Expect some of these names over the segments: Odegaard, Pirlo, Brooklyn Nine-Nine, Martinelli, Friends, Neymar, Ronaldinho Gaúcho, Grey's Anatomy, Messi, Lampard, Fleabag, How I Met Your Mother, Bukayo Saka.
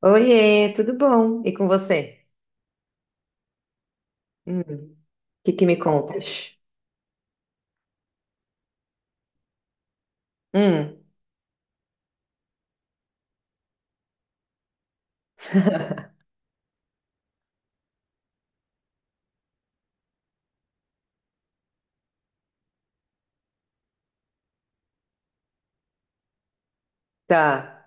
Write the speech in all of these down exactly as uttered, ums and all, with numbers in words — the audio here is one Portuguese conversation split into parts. Oiê, tudo bom? E com você? Hum, o que que me contas? Hum, tá,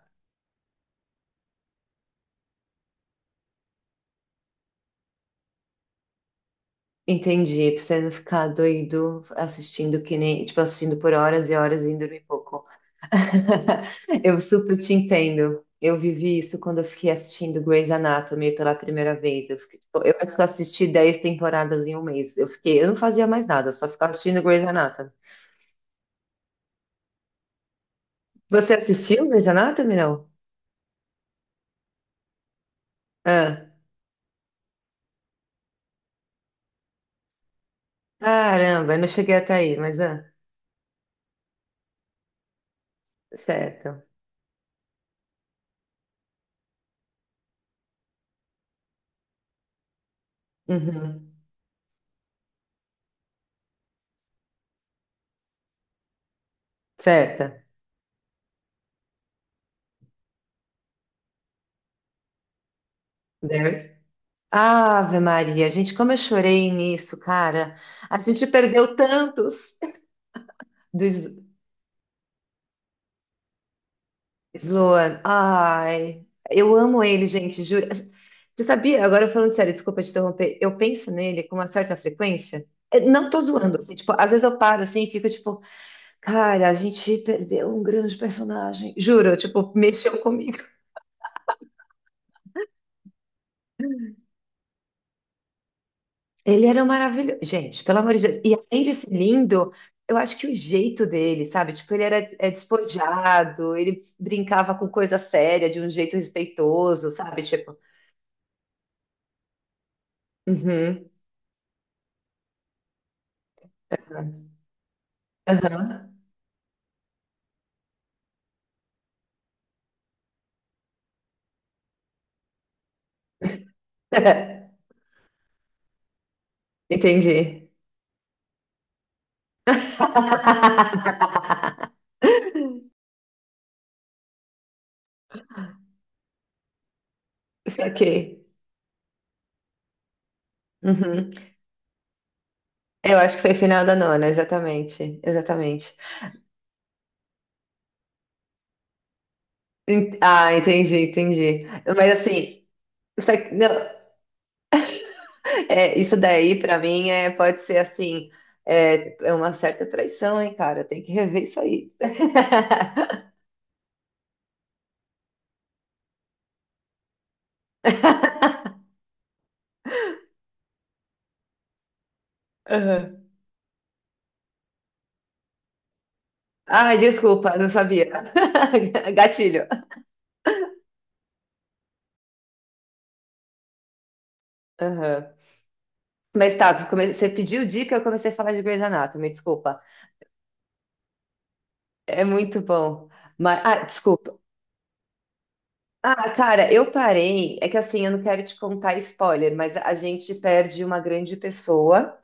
entendi. Pra você não ficar doido assistindo que nem, tipo, assistindo por horas e horas e dormir pouco. Eu super te entendo. Eu vivi isso quando eu fiquei assistindo Grey's Anatomy pela primeira vez. Eu fiquei, tipo, eu assisti dez temporadas em um mês. Eu fiquei, eu não fazia mais nada, só ficava assistindo Grey's Anatomy. Você assistiu Grey's Anatomy, não? Ah, caramba, eu não cheguei até aí, mas, ah. Certo. Uhum. Certa. There. Ave Maria, gente, como eu chorei nisso, cara. A gente perdeu tantos do S- Sloan. Ai, eu amo ele, gente, juro. Você sabia? Agora falando sério, desculpa te interromper. Eu penso nele com uma certa frequência. Eu não tô zoando, assim, tipo, às vezes eu paro assim e fico tipo, cara, a gente perdeu um grande personagem. Juro, tipo, mexeu comigo. Ele era maravilhoso. Gente, pelo amor de Deus. E além de ser lindo, eu acho que o jeito dele, sabe? Tipo, ele era é, despojado, ele brincava com coisa séria de um jeito respeitoso, sabe? Tipo, uhum, aham. Entendi. Saquei. Uhum. Eu acho que foi final da nona, exatamente. Exatamente. Ent- Ah, entendi, entendi. Mas assim, sa- não. É, isso daí, pra mim, é, pode ser assim, é, é uma certa traição, hein, cara? Tem que rever isso aí. Aham. Ai, desculpa, não sabia. Gatilho. Aham. Mas tá, come- você pediu dica, eu comecei a falar de Grey's Anatomy, desculpa. É muito bom. Mas, ah, desculpa. Ah, cara, eu parei. É que assim, eu não quero te contar spoiler, mas a gente perde uma grande pessoa.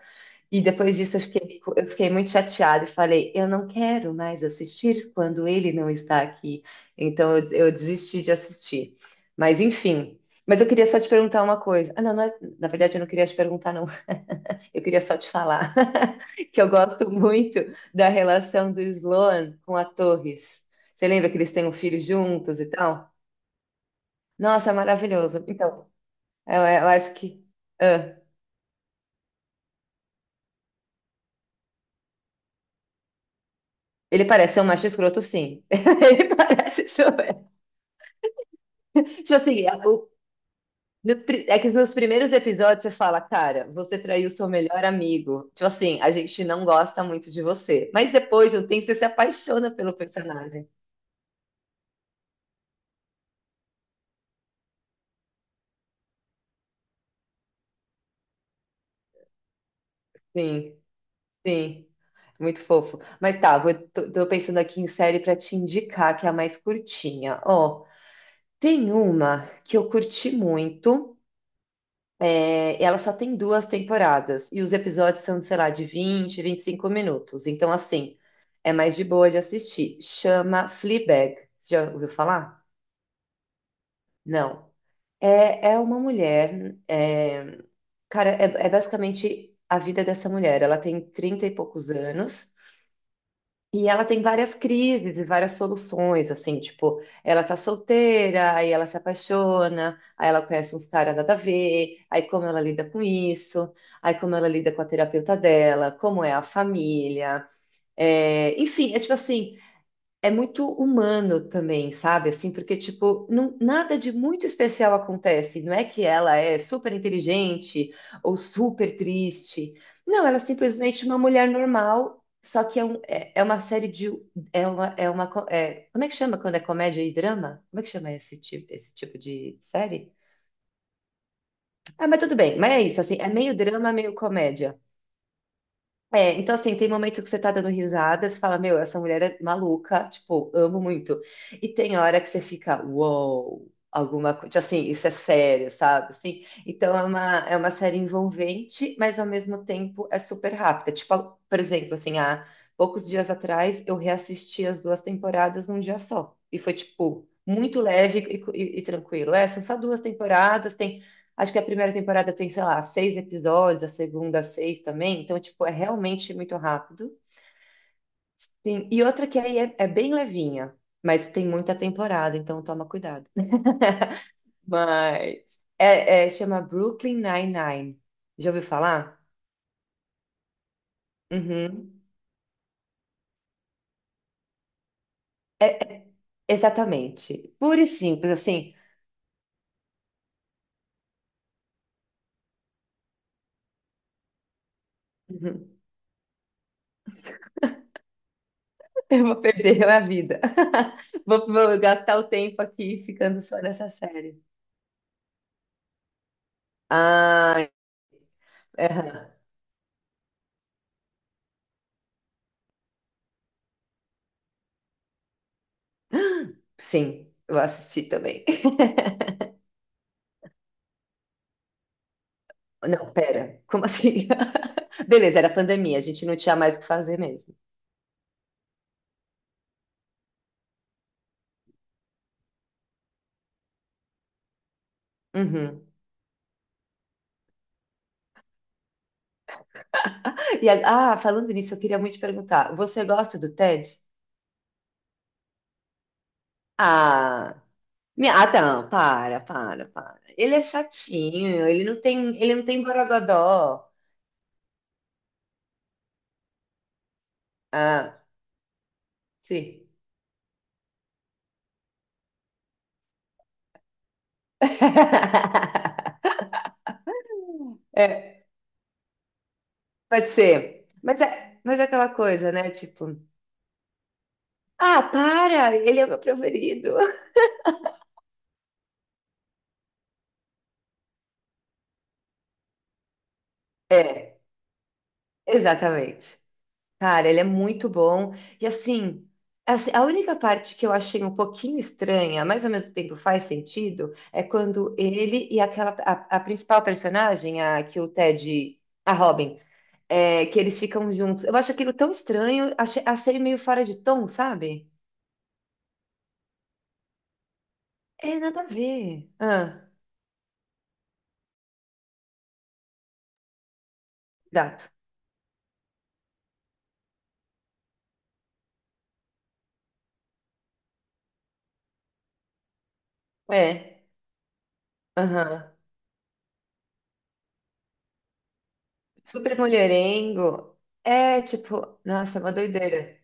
E depois disso eu fiquei, eu fiquei muito chateada e falei, eu não quero mais assistir quando ele não está aqui. Então eu, des- eu desisti de assistir. Mas enfim. Mas eu queria só te perguntar uma coisa. Ah, não, não é- na verdade eu não queria te perguntar, não. Eu queria só te falar que eu gosto muito da relação do Sloan com a Torres. Você lembra que eles têm um filho juntos e tal? Nossa, é maravilhoso. Então, eu, eu acho que. Ah, ele parece ser um macho escroto, sim. Ele parece ser um. Tipo assim, a- o- no pri- é que nos primeiros episódios você fala, cara, você traiu seu melhor amigo. Tipo assim, a gente não gosta muito de você. Mas depois de um tempo você se apaixona pelo personagem. Sim, sim. Muito fofo. Mas tá, vou, tô, tô pensando aqui em série pra te indicar, que é a mais curtinha. Ó, tem uma que eu curti muito. É, ela só tem duas temporadas e os episódios são, sei lá, de vinte vinte e cinco minutos. Então, assim, é mais de boa de assistir. Chama Fleabag. Você já ouviu falar? Não. É, é uma mulher. é, cara, é, é basicamente a vida dessa mulher. Ela tem trinta e poucos anos e ela tem várias crises e várias soluções, assim, tipo, ela tá solteira, aí ela se apaixona, aí ela conhece uns caras nada a ver, aí como ela lida com isso, aí como ela lida com a terapeuta dela, como é a família, é, enfim, é tipo assim, é muito humano também, sabe? Assim, porque, tipo, não- nada de muito especial acontece. Não é que ela é super inteligente ou super triste. Não, ela é simplesmente uma mulher normal, só que é, um- é, é uma série de. É uma, é uma, co- é- como é que chama quando é comédia e drama? Como é que chama esse tipo, esse tipo de série? Ah, mas tudo bem, mas é isso, assim, é meio drama, meio comédia. É, então assim, tem momento que você tá dando risada, você fala, meu, essa mulher é maluca, tipo, amo muito. E tem hora que você fica, uou, alguma coisa, assim, isso é sério, sabe? Assim, então é uma, é uma série envolvente, mas ao mesmo tempo é super rápida. Tipo, por exemplo, assim, há poucos dias atrás eu reassisti as duas temporadas num dia só. E foi, tipo, muito leve e, e- e tranquilo. É, são só duas temporadas. Acho que a primeira temporada tem, sei lá, seis episódios, a segunda, seis também. Então, tipo, é realmente muito rápido. Sim. E outra que aí é, é bem levinha, mas tem muita temporada, então toma cuidado. Mas é, é- chama Brooklyn Nine-Nine. Já ouviu falar? Uhum. É, é- exatamente. Pura e simples, assim. Uhum. Eu vou perder a vida. Vou, vou gastar o tempo aqui ficando só nessa série. Ah, é, sim, eu assisti também. Não, pera, como assim? Beleza, era pandemia, a gente não tinha mais o que fazer mesmo. Uhum. E, a- ah, falando nisso, eu queria muito te perguntar, você gosta do Ted? Ah, me- ah, não, para, para, para. Ele é chatinho, ele não tem, ele não tem borogodó. Ah, sim. É, pode ser. Mas é, mas é aquela coisa, né? Tipo, ah, para, ele é o meu preferido. É, exatamente. Cara, ele é muito bom. E assim, assim, a única parte que eu achei um pouquinho estranha, mas ao mesmo tempo faz sentido, é quando ele e aquela a, a principal personagem, a que o Ted, a Robin, é, que eles ficam juntos. Eu acho aquilo tão estranho, achei, achei meio fora de tom, sabe? É nada a ver. Ah, exato. É. Aham. Super mulherengo. É tipo, nossa, é uma doideira.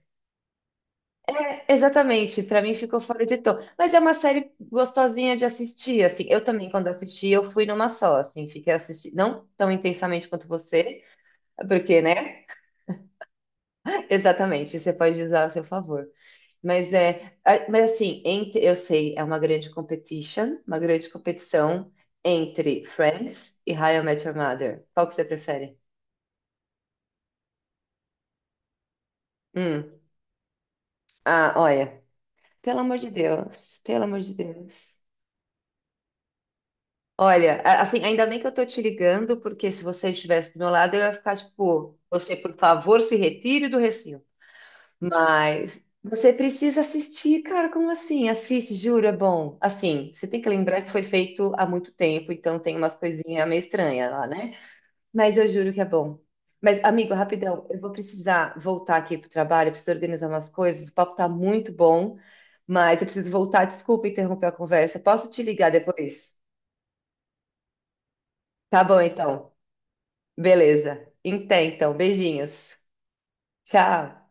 Exatamente, pra mim ficou fora de tom. Mas é uma série gostosinha de assistir, assim. Eu também, quando assisti, eu fui numa só, assim, fiquei assistindo, não tão intensamente quanto você, porque, né? Exatamente, você pode usar a seu favor. Mas é, a- mas assim, entre, eu sei, é uma grande competition, uma grande competição entre Friends e How I Met Your Mother. Qual que você prefere? Hum. Ah, olha, pelo amor de Deus, pelo amor de Deus. Olha, a- assim, ainda bem que eu tô te ligando, porque se você estivesse do meu lado, eu ia ficar tipo, você, por favor, se retire do recinto. Mas você precisa assistir, cara, como assim? Assiste, juro, é bom. Assim, você tem que lembrar que foi feito há muito tempo, então tem umas coisinhas meio estranhas lá, né? Mas eu juro que é bom. Mas, amigo, rapidão, eu vou precisar voltar aqui pro trabalho, eu preciso organizar umas coisas, o papo tá muito bom, mas eu preciso voltar, desculpa interromper a conversa. Posso te ligar depois? Tá bom, então. Beleza. então, então, beijinhos. Tchau.